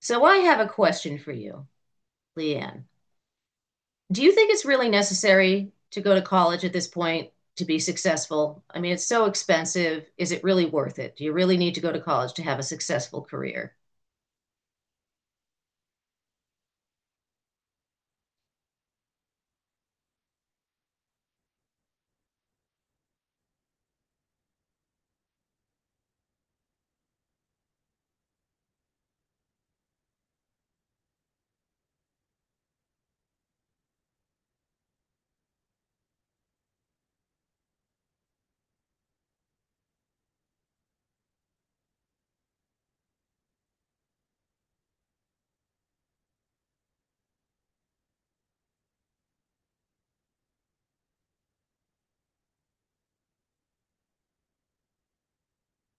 So I have a question for you, Leanne. Do you think it's really necessary to go to college at this point to be successful? I mean, it's so expensive. Is it really worth it? Do you really need to go to college to have a successful career?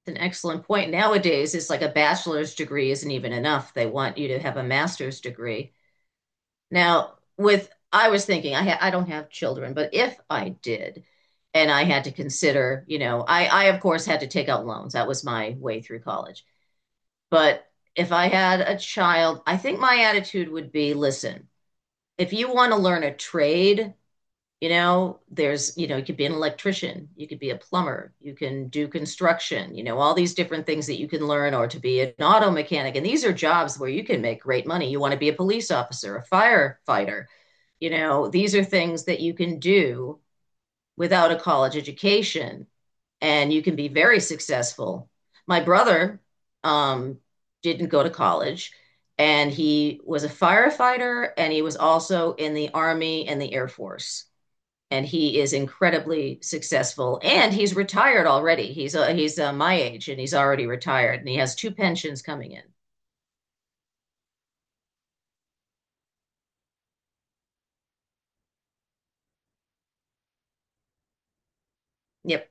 It's an excellent point. Nowadays, it's like a bachelor's degree isn't even enough. They want you to have a master's degree. Now, with I was thinking, I ha I don't have children, but if I did, and I had to consider, you know, I of course had to take out loans. That was my way through college. But if I had a child, I think my attitude would be, listen, if you want to learn a trade, you know, there's, you know, you could be an electrician, you could be a plumber, you can do construction, you know, all these different things that you can learn, or to be an auto mechanic. And these are jobs where you can make great money. You want to be a police officer, a firefighter, you know, these are things that you can do without a college education and you can be very successful. My brother um, didn't go to college, and he was a firefighter, and he was also in the Army and the Air Force. And he is incredibly successful, and he's retired already. He's my age, and he's already retired, and he has two pensions coming in. Yep.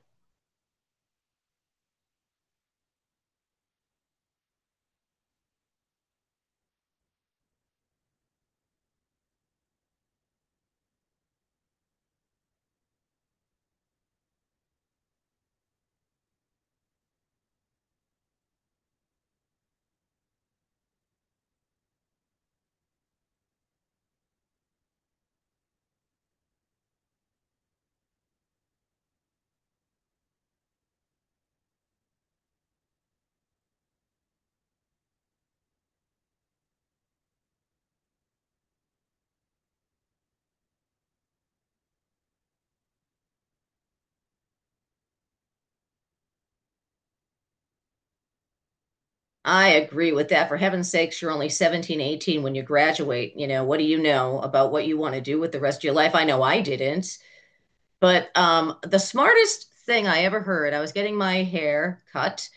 I agree with that. For heaven's sakes, you're only 17, 18 when you graduate. You know, what do you know about what you want to do with the rest of your life? I know I didn't. But the smartest thing I ever heard, I was getting my hair cut,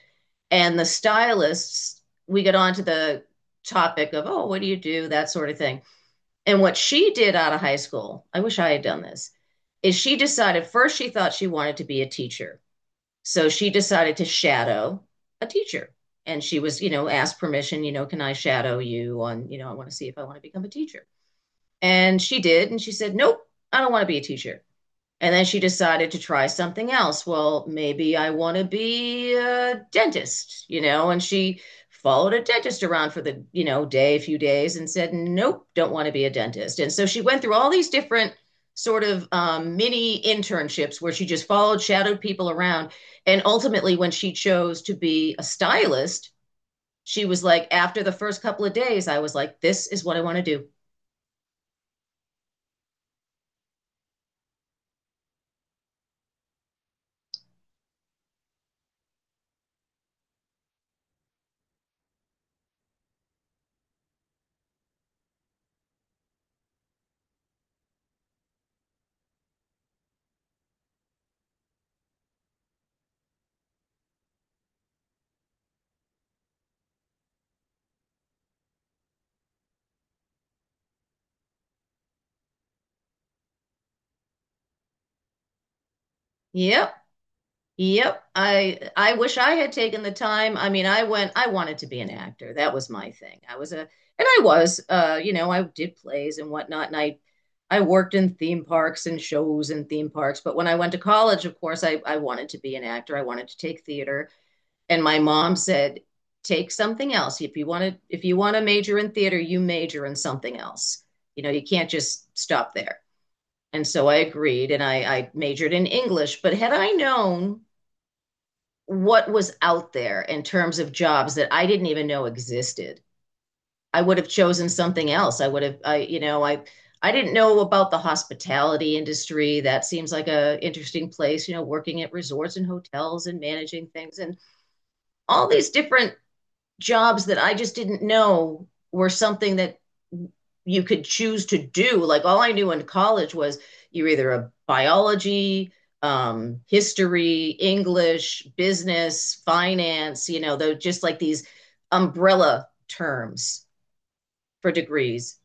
and the stylists, we got onto the topic of, oh, what do you do? That sort of thing. And what she did out of high school, I wish I had done this, is she decided first she thought she wanted to be a teacher. So she decided to shadow a teacher. And she was, you know, asked permission, you know, can I shadow you on, you know, I want to see if I want to become a teacher. And she did. And she said, nope, I don't want to be a teacher. And then she decided to try something else. Well, maybe I want to be a dentist, you know? And she followed a dentist around for the, you know, day, a few days and said, nope, don't want to be a dentist. And so she went through all these different sort of mini internships where she just followed, shadowed people around. And ultimately, when she chose to be a stylist, she was like, after the first couple of days, I was like, this is what I want to do. Yep. Yep. I wish I had taken the time. I mean, I went, I wanted to be an actor. That was my thing. And I was, you know, I did plays and whatnot, and I worked in theme parks and shows in theme parks. But when I went to college, of course, I wanted to be an actor. I wanted to take theater. And my mom said, take something else. If you want to major in theater, you major in something else. You know, you can't just stop there. And so I agreed and I majored in English. But had I known what was out there in terms of jobs that I didn't even know existed. I would have chosen something else. I would have, I, you know, I didn't know about the hospitality industry. That seems like a interesting place, you know, working at resorts and hotels and managing things and all these different jobs that I just didn't know were something that you could choose to do. Like all I knew in college was you're either a biology, history, English, business, finance, you know, though just like these umbrella terms for degrees.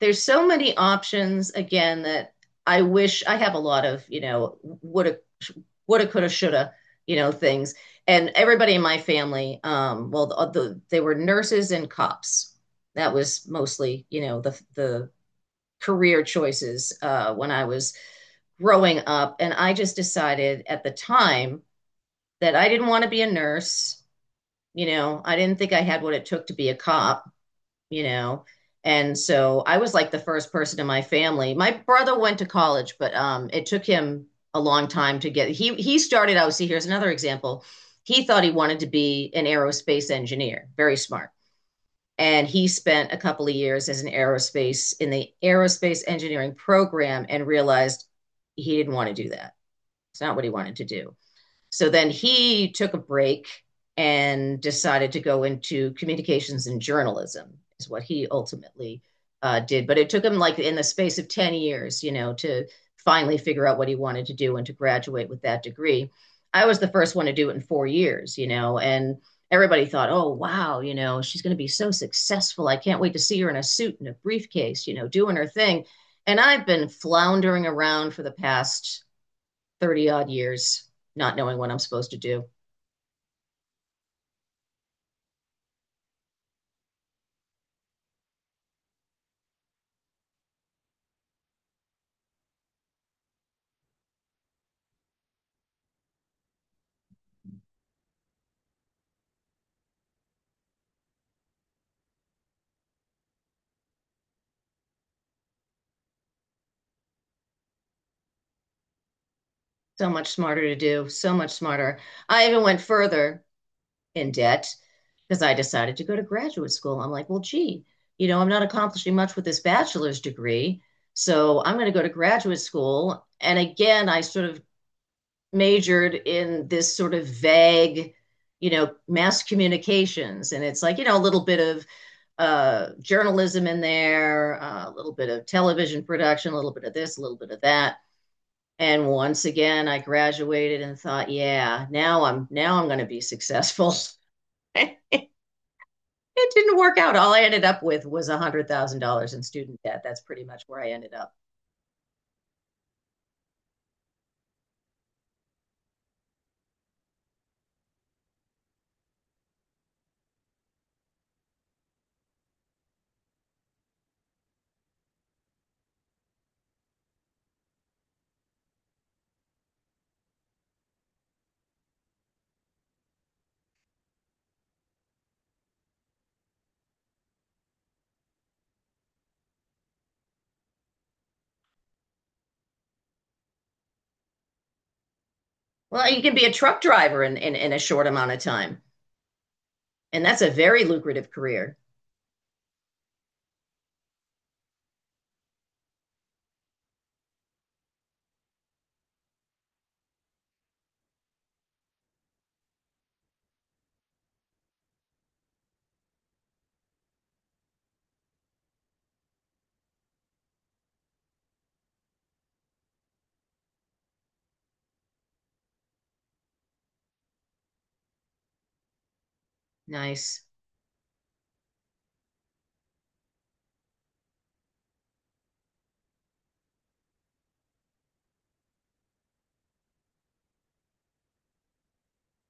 There's so many options again that I wish I have a lot of, you know, woulda, coulda, shoulda, you know, things. And everybody in my family, well, they were nurses and cops. That was mostly, you know, the career choices when I was growing up. And I just decided at the time that I didn't want to be a nurse. You know, I didn't think I had what it took to be a cop, you know. And so I was like the first person in my family. My brother went to college, but it took him a long time to get. He started out. See, here's another example. He thought he wanted to be an aerospace engineer, very smart, and he spent a couple of years as an aerospace in the aerospace engineering program and realized he didn't want to do that. It's not what he wanted to do. So then he took a break and decided to go into communications and journalism, is what he ultimately did. But it took him like in the space of 10 years, you know, to finally figure out what he wanted to do and to graduate with that degree. I was the first one to do it in 4 years, you know, and everybody thought, oh, wow, you know, she's going to be so successful. I can't wait to see her in a suit and a briefcase, you know, doing her thing. And I've been floundering around for the past 30 odd years not knowing what I'm supposed to do. So much smarter to do, so much smarter. I even went further in debt because I decided to go to graduate school. I'm like, well, gee, you know, I'm not accomplishing much with this bachelor's degree. So I'm going to go to graduate school. And again, I sort of majored in this sort of vague, you know, mass communications. And it's like, you know, a little bit of journalism in there, a little bit of television production, a little bit of this, a little bit of that. And once again, I graduated and thought, yeah, now I'm going to be successful. It didn't work out. All I ended up with was $100,000 in student debt. That's pretty much where I ended up. Well, you can be a truck driver in a short amount of time, and that's a very lucrative career. Nice.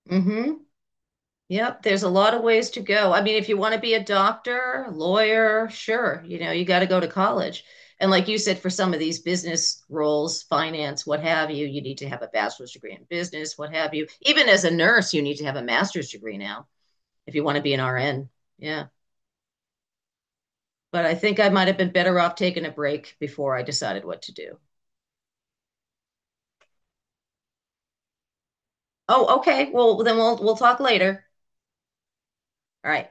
Hmm. Yep, there's a lot of ways to go. I mean, if you want to be a doctor, lawyer, sure, you know, you got to go to college. And like you said, for some of these business roles, finance, what have you, you need to have a bachelor's degree in business, what have you. Even as a nurse, you need to have a master's degree now if you want to be an RN. Yeah. But I think I might have been better off taking a break before I decided what to do. Oh, okay. Well, then we'll talk later. All right.